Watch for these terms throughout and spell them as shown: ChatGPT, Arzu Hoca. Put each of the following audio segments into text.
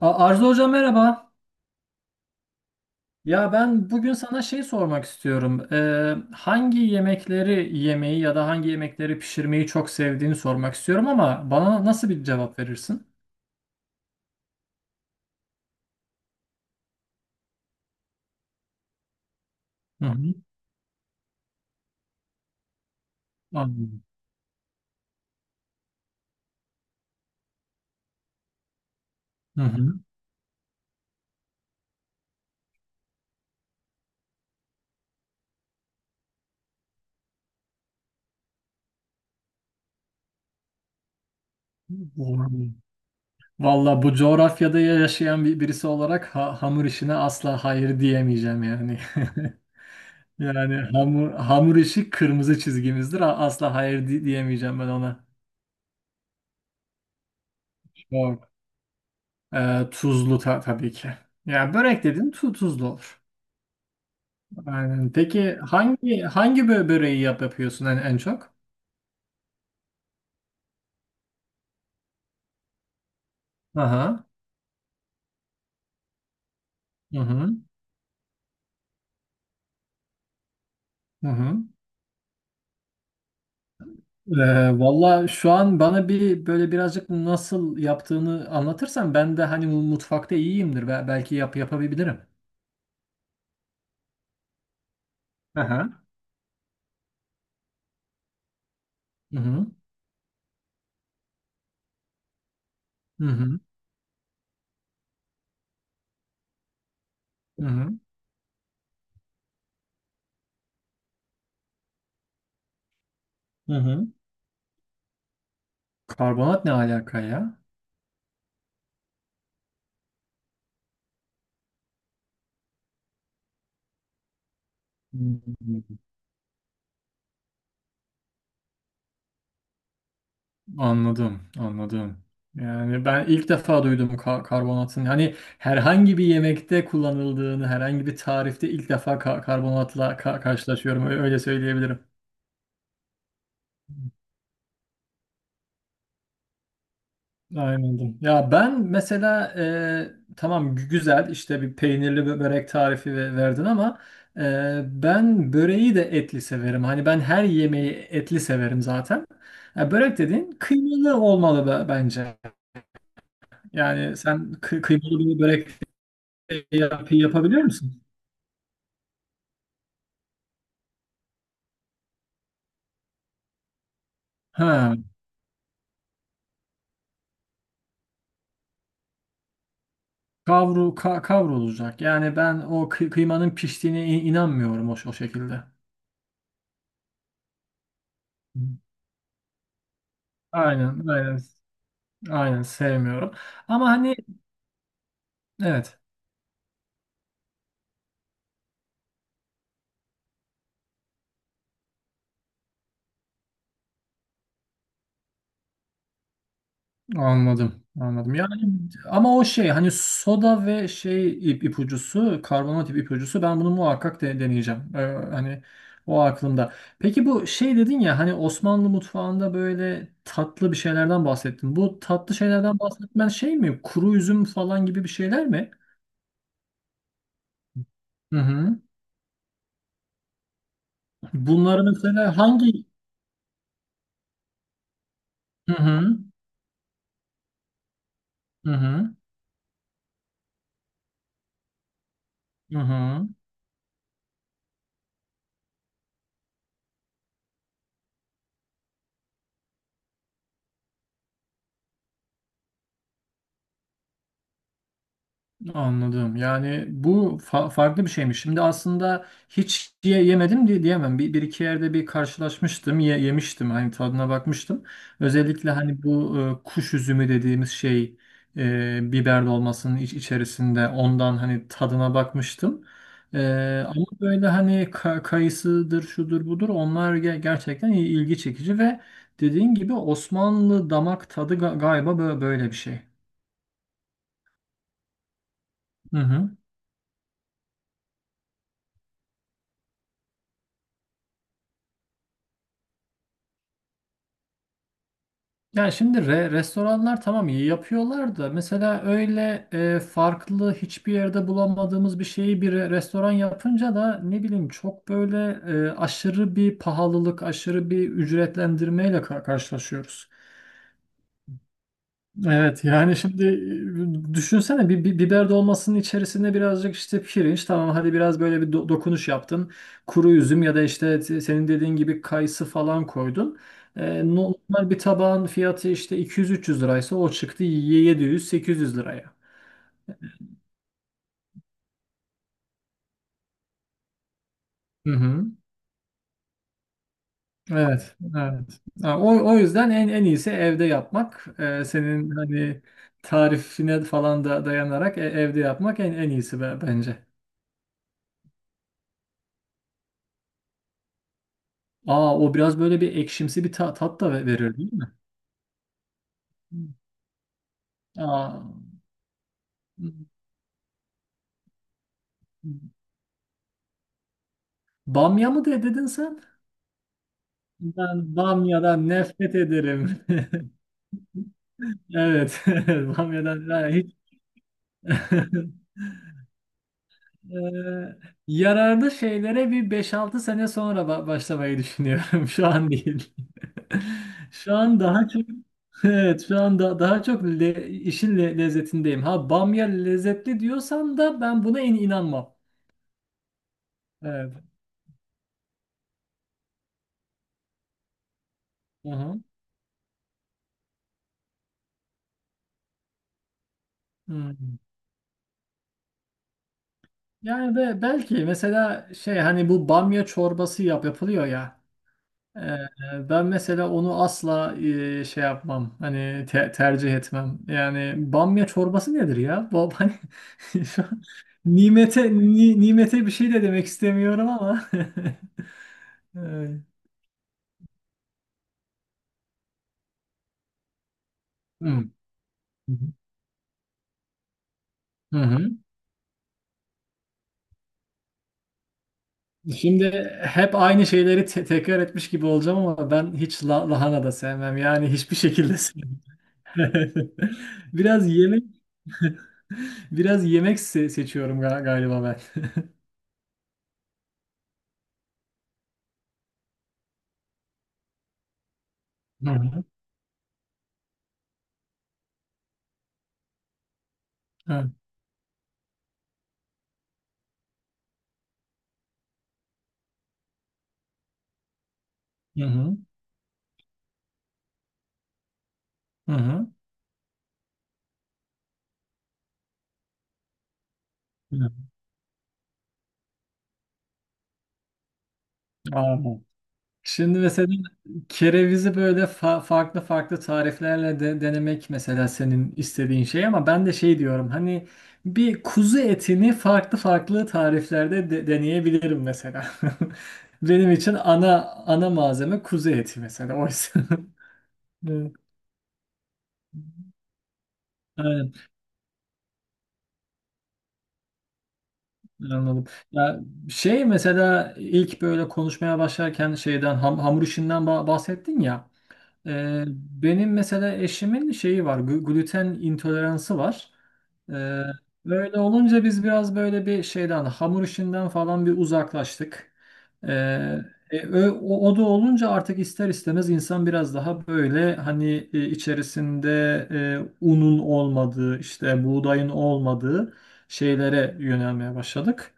Arzu Hoca merhaba. Ya ben bugün sana şey sormak istiyorum. Hangi yemekleri yemeyi ya da hangi yemekleri pişirmeyi çok sevdiğini sormak istiyorum ama bana nasıl bir cevap verirsin? Hı hı. Anladım. Hı hı. Vallahi Vallahi bu coğrafyada yaşayan bir birisi olarak hamur işine asla hayır diyemeyeceğim yani. Yani hamur işi kırmızı çizgimizdir. Asla hayır diyemeyeceğim ben ona. Tuzlu tabii ki. Ya börek dedin tuzlu olur. Aynen. Peki hangi böreği yapıyorsun en, en çok? Aha. Hı hı. Hı hı. Valla şu an bana bir böyle birazcık nasıl yaptığını anlatırsan ben de hani mutfakta iyiyimdir. Belki yapabilirim. Aha. Hı hı. Hı hı. Hı hı. Hı hı. Karbonat ne alaka ya? Hı hı. Anladım, anladım. Yani ben ilk defa duydum karbonatın. Hani herhangi bir yemekte kullanıldığını, herhangi bir tarifte ilk defa karbonatla karşılaşıyorum. Öyle söyleyebilirim. Aynen. Ya ben mesela tamam güzel işte bir peynirli börek tarifi verdin ama e, ben böreği de etli severim. Hani ben her yemeği etli severim zaten. Ya börek dediğin kıymalı olmalı bence. Yani sen kıymalı bir börek yapabiliyor musun? Ha, kavrulacak. Yani ben o kıymanın piştiğine inanmıyorum o şekilde. Aynen, aynen, aynen sevmiyorum. Ama hani evet. Anladım, anladım. Yani ama o şey hani soda ve şey ipucusu, karbonat ipucusu ben bunu muhakkak deneyeceğim. Hani o aklımda. Peki bu şey dedin ya hani Osmanlı mutfağında böyle tatlı bir şeylerden bahsettin. Bu tatlı şeylerden bahsetmen şey mi? Kuru üzüm falan gibi bir şeyler mi? Hı hı. Bunları mesela hangi. Hı hı. Hı hı. Hı hı. Anladım. Yani bu farklı bir şeymiş. Şimdi aslında hiç yemedim diye diyemem. Bir, bir iki yerde bir karşılaşmıştım, yemiştim. Hani tadına bakmıştım. Özellikle hani bu kuş üzümü dediğimiz şey biber dolmasının içerisinde ondan hani tadına bakmıştım. E, ama böyle hani kayısıdır, şudur budur onlar gerçekten ilgi çekici ve dediğin gibi Osmanlı damak tadı galiba böyle bir şey. Hı hı. Ya şimdi restoranlar tamam iyi yapıyorlar da mesela öyle farklı hiçbir yerde bulamadığımız bir şeyi bir restoran yapınca da ne bileyim çok böyle aşırı bir pahalılık, aşırı bir ücretlendirmeyle karşılaşıyoruz. Evet yani şimdi düşünsene bir, bir biber dolmasının içerisine birazcık işte pirinç tamam hadi biraz böyle bir dokunuş yaptın. Kuru üzüm ya da işte senin dediğin gibi kayısı falan koydun. Normal bir tabağın fiyatı işte 200-300 liraysa o çıktı 700-800 liraya. Hı hı. Evet, evet. Ha, o yüzden en en iyisi evde yapmak. E, senin hani tarifine falan da dayanarak evde yapmak en en iyisi bence. Aa o biraz böyle bir ekşimsi bir tat da verir değil mi? Aa, hmm. Bamya mı dedin sen? Ben bamyadan nefret ederim. Evet, bamyadan ben hiç. Eee, yararlı şeylere bir beş altı sene sonra başlamayı düşünüyorum. Şu an değil. Şu an daha çok. Evet, şu anda daha çok işin lezzetindeyim. Ha bamya lezzetli diyorsan da ben buna in inanmam. Evet. Hmm. Yani be, belki mesela şey hani bu bamya çorbası yapılıyor ya. Ee, ben mesela onu asla şey yapmam. Hani tercih etmem. Yani bamya çorbası nedir ya? Bu hani şu an nimete nimete bir şey de demek istemiyorum ama. Evet. Hmm. Hı hı. Şimdi hep aynı şeyleri tekrar etmiş gibi olacağım ama ben hiç lahana da sevmem. Yani hiçbir şekilde sevmem. Biraz yemek Biraz yemek seçiyorum galiba ben. Hı hı. Evet. Hı hı. Hı hı. Hı. Aa. Şimdi mesela kerevizi böyle farklı farklı tariflerle de denemek mesela senin istediğin şey ama ben de şey diyorum hani bir kuzu etini farklı farklı tariflerde deneyebilirim mesela. Benim için ana malzeme kuzu eti mesela oysa. Evet. Aynen. Anladım. Ya şey mesela ilk böyle konuşmaya başlarken şeyden hamur işinden bahsettin ya. Ee, benim mesela eşimin şeyi var, gluten intoleransı var. Ee, böyle olunca biz biraz böyle bir şeyden hamur işinden falan bir uzaklaştık. Ee, o da olunca artık ister istemez insan biraz daha böyle hani içerisinde unun olmadığı, işte buğdayın olmadığı şeylere yönelmeye başladık.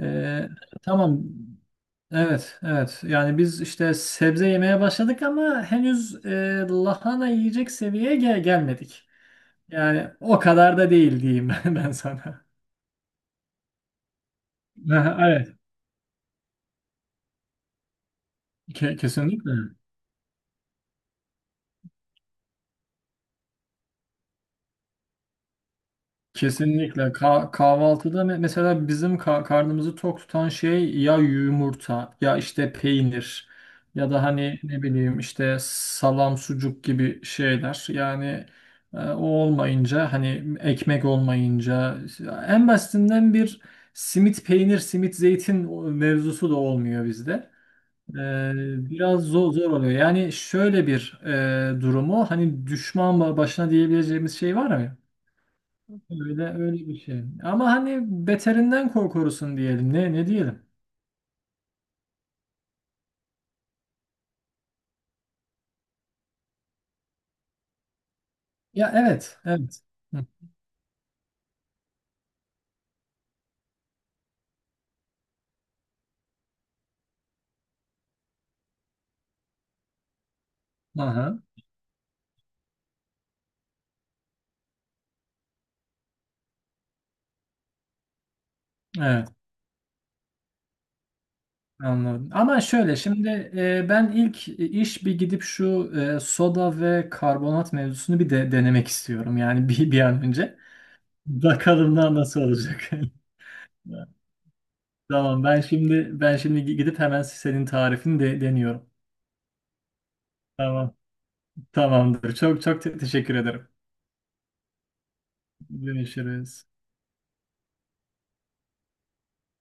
Ee, tamam. Evet, evet. Yani biz işte sebze yemeye başladık ama henüz lahana yiyecek seviyeye gelmedik. Yani o kadar da değil diyeyim ben sana. Aha, evet, kesinlikle. Kesinlikle. Kahvaltıda mesela bizim karnımızı tok tutan şey ya yumurta ya işte peynir ya da hani ne bileyim işte salam sucuk gibi şeyler. Yani o olmayınca hani ekmek olmayınca en basitinden bir simit zeytin mevzusu da olmuyor bizde. Ee, biraz zor, zor oluyor. Yani şöyle bir durumu hani düşman başına diyebileceğimiz şey var mı? Öyle öyle bir şey. Ama hani beterinden korkurusun diyelim. Ne diyelim? Ya evet, evet. Hı, aha, evet anladım. Ama şöyle şimdi ben ilk iş bir gidip şu soda ve karbonat mevzusunu bir de denemek istiyorum. Yani bir an önce. Bakalım da nasıl olacak. Tamam ben şimdi gidip hemen senin tarifini de deniyorum. Tamam. Tamamdır. Çok teşekkür ederim. Görüşürüz.